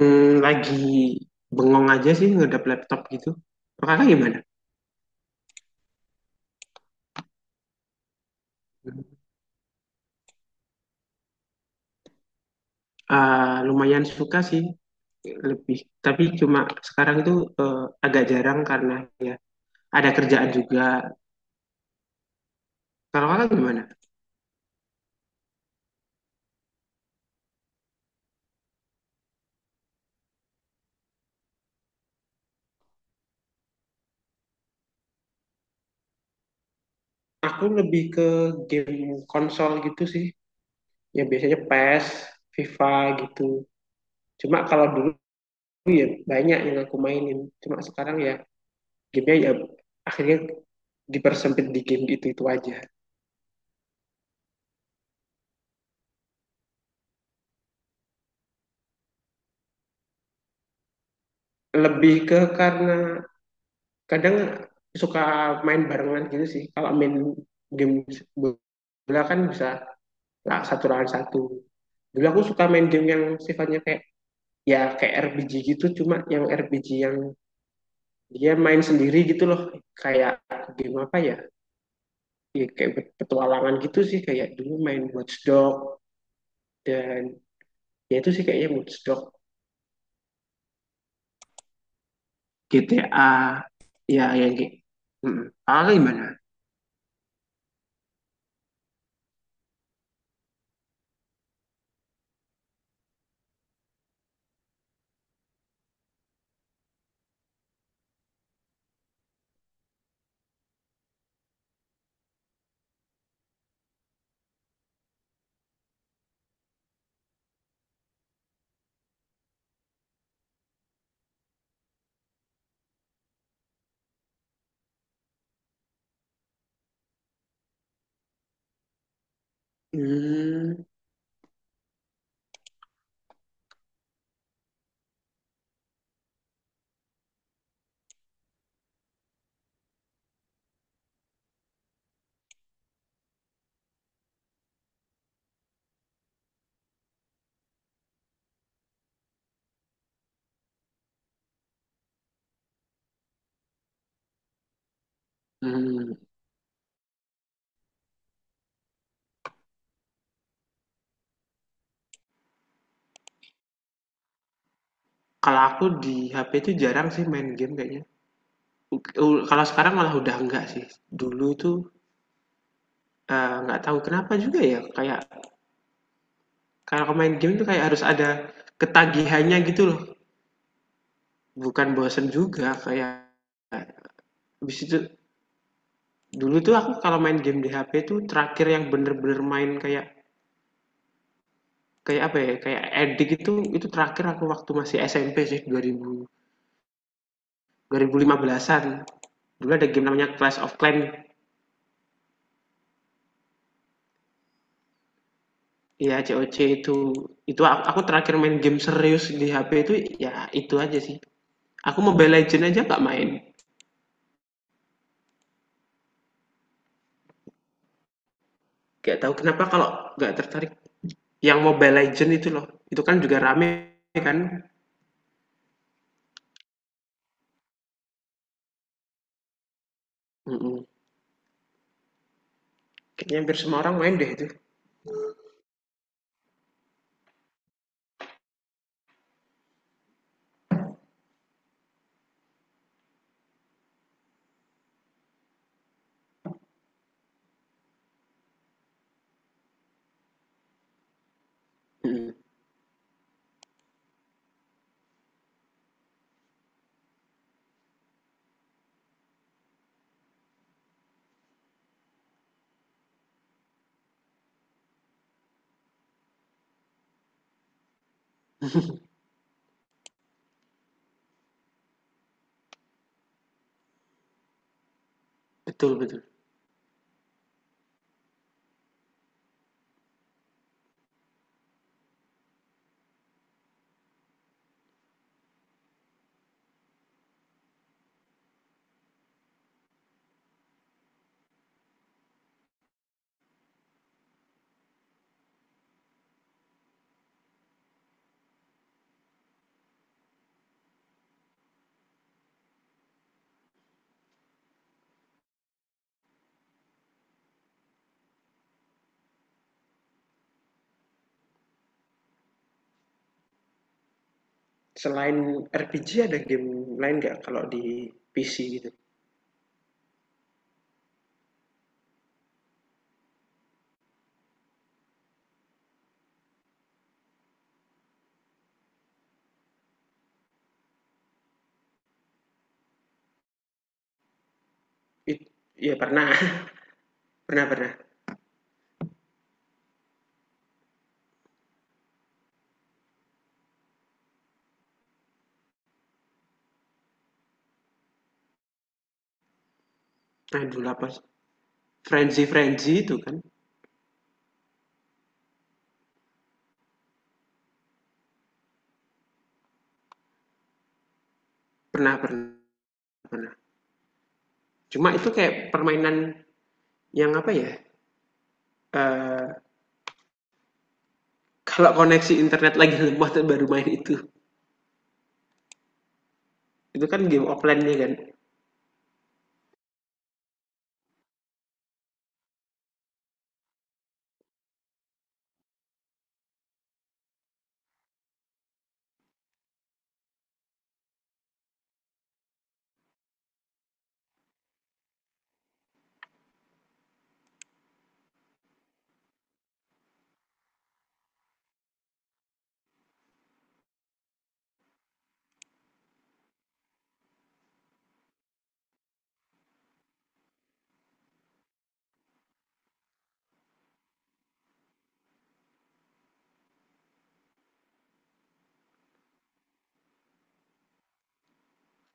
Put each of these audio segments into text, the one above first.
Lagi bengong aja sih ngedap laptop gitu. Kalau Kakak gimana? Ah, lumayan suka sih lebih, tapi cuma sekarang itu eh, agak jarang karena ya ada kerjaan juga. Kalau Kakak gimana? Aku lebih ke game konsol gitu sih, ya biasanya PES, FIFA gitu. Cuma kalau dulu ya banyak yang aku mainin. Cuma sekarang ya gamenya ya akhirnya dipersempit di game itu aja. Lebih ke karena kadang suka main barengan gitu sih, kalau main game bola kan bisa lah satu lawan satu. Dulu aku suka main game yang sifatnya kayak ya kayak RPG gitu, cuma yang RPG yang dia main sendiri gitu loh, kayak game apa ya, ya kayak petualangan gitu sih, kayak dulu main Watch Dogs dan ya itu sih kayaknya Watch Dogs, GTA, ya yang kayak mm. Ah, gimana. hmm. hmm. Kalau aku di HP itu jarang sih main game kayaknya. Kalau sekarang malah udah enggak sih. Dulu itu, nggak tahu kenapa juga ya, kayak kalau main game itu kayak harus ada ketagihannya gitu loh, bukan bosen juga kayak habis itu. Dulu tuh aku kalau main game di HP itu terakhir yang bener-bener main kayak kayak apa ya, kayak addict itu terakhir aku waktu masih SMP sih, 2000 2015-an. Dulu ada game namanya Clash of Clans. Iya, COC itu. Itu aku terakhir main game serius di HP itu ya itu aja sih. Aku Mobile Legend aja nggak main. Gak tahu kenapa kalau nggak tertarik. Yang Mobile Legend itu loh. Itu kan juga rame kan. Mm-mm. Kayaknya hampir semua orang main deh itu. Mm-mm. Betul, betul. Selain RPG ada game lain nggak kalau di PC gitu? It, ya pernah, pernah pernah. Aduh, apa? Frenzy Frenzy itu kan. Pernah pernah pernah. Cuma itu kayak permainan yang apa ya. Eee, kalau koneksi internet lagi lemah tuh baru main itu. Itu kan game offline-nya kan.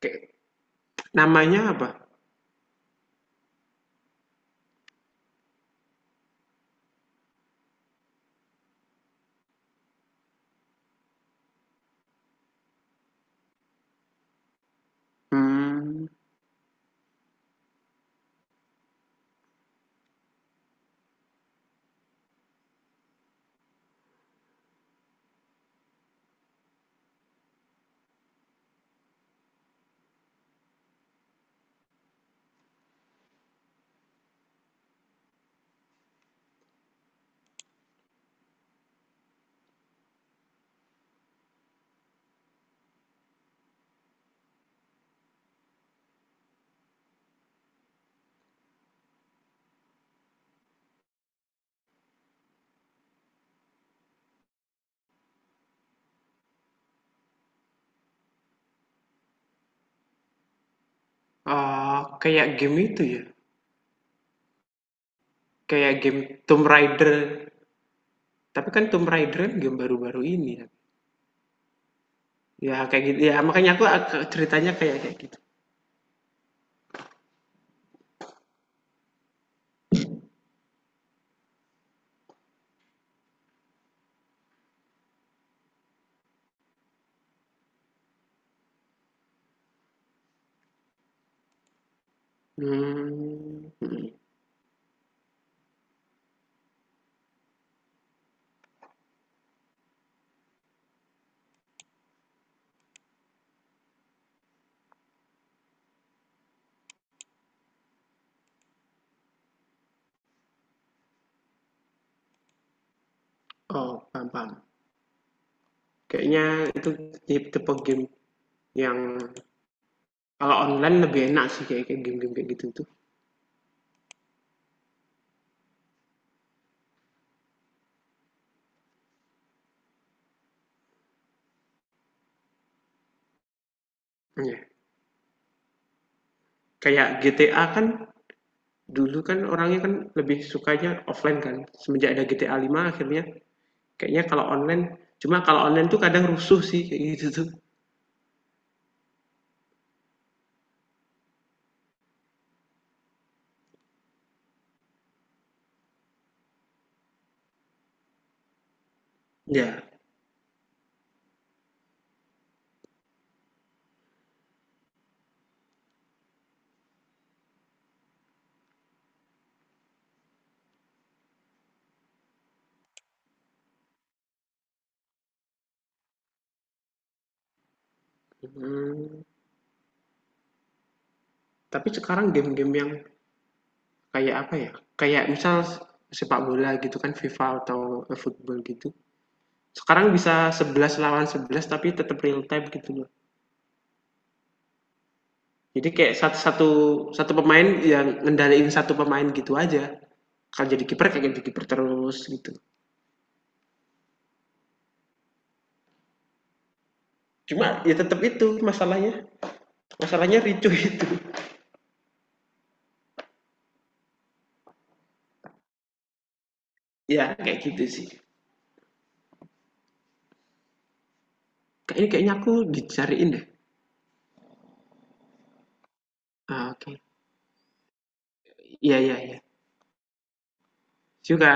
Kayak namanya apa? Mmm, eee, kayak game itu ya, kayak game Tomb Raider. Tapi kan Tomb Raider kan game baru-baru ini kan. Ya kayak gitu, ya makanya aku ceritanya kayak kayak gitu. Mmm, mhm. Oh, paham paham. Kayaknya itu tip tipe game yang kalau online lebih enak sih, kayak game-game kayak gitu tuh. Iya, kayak GTA kan. Dulu kan orangnya kan lebih sukanya offline kan, semenjak ada GTA 5 akhirnya kayaknya kalau online, cuma kalau online tuh kadang rusuh sih kayak gitu tuh. Ya, mhm. Tapi sekarang game-game yang kayak apa ya, kayak misal sepak bola gitu kan, FIFA atau eFootball gitu, sekarang bisa 11 lawan 11 tapi tetap real time gitu loh. Jadi kayak satu satu pemain yang ngendaliin satu pemain gitu aja. Kalau jadi kiper kayak jadi kiper terus gitu. Cuma ya tetap itu masalahnya masalahnya ricu itu ya kayak gitu sih. Kayaknya kayaknya aku dicariin deh. Ah, oke. Okay. Iya iya iya juga.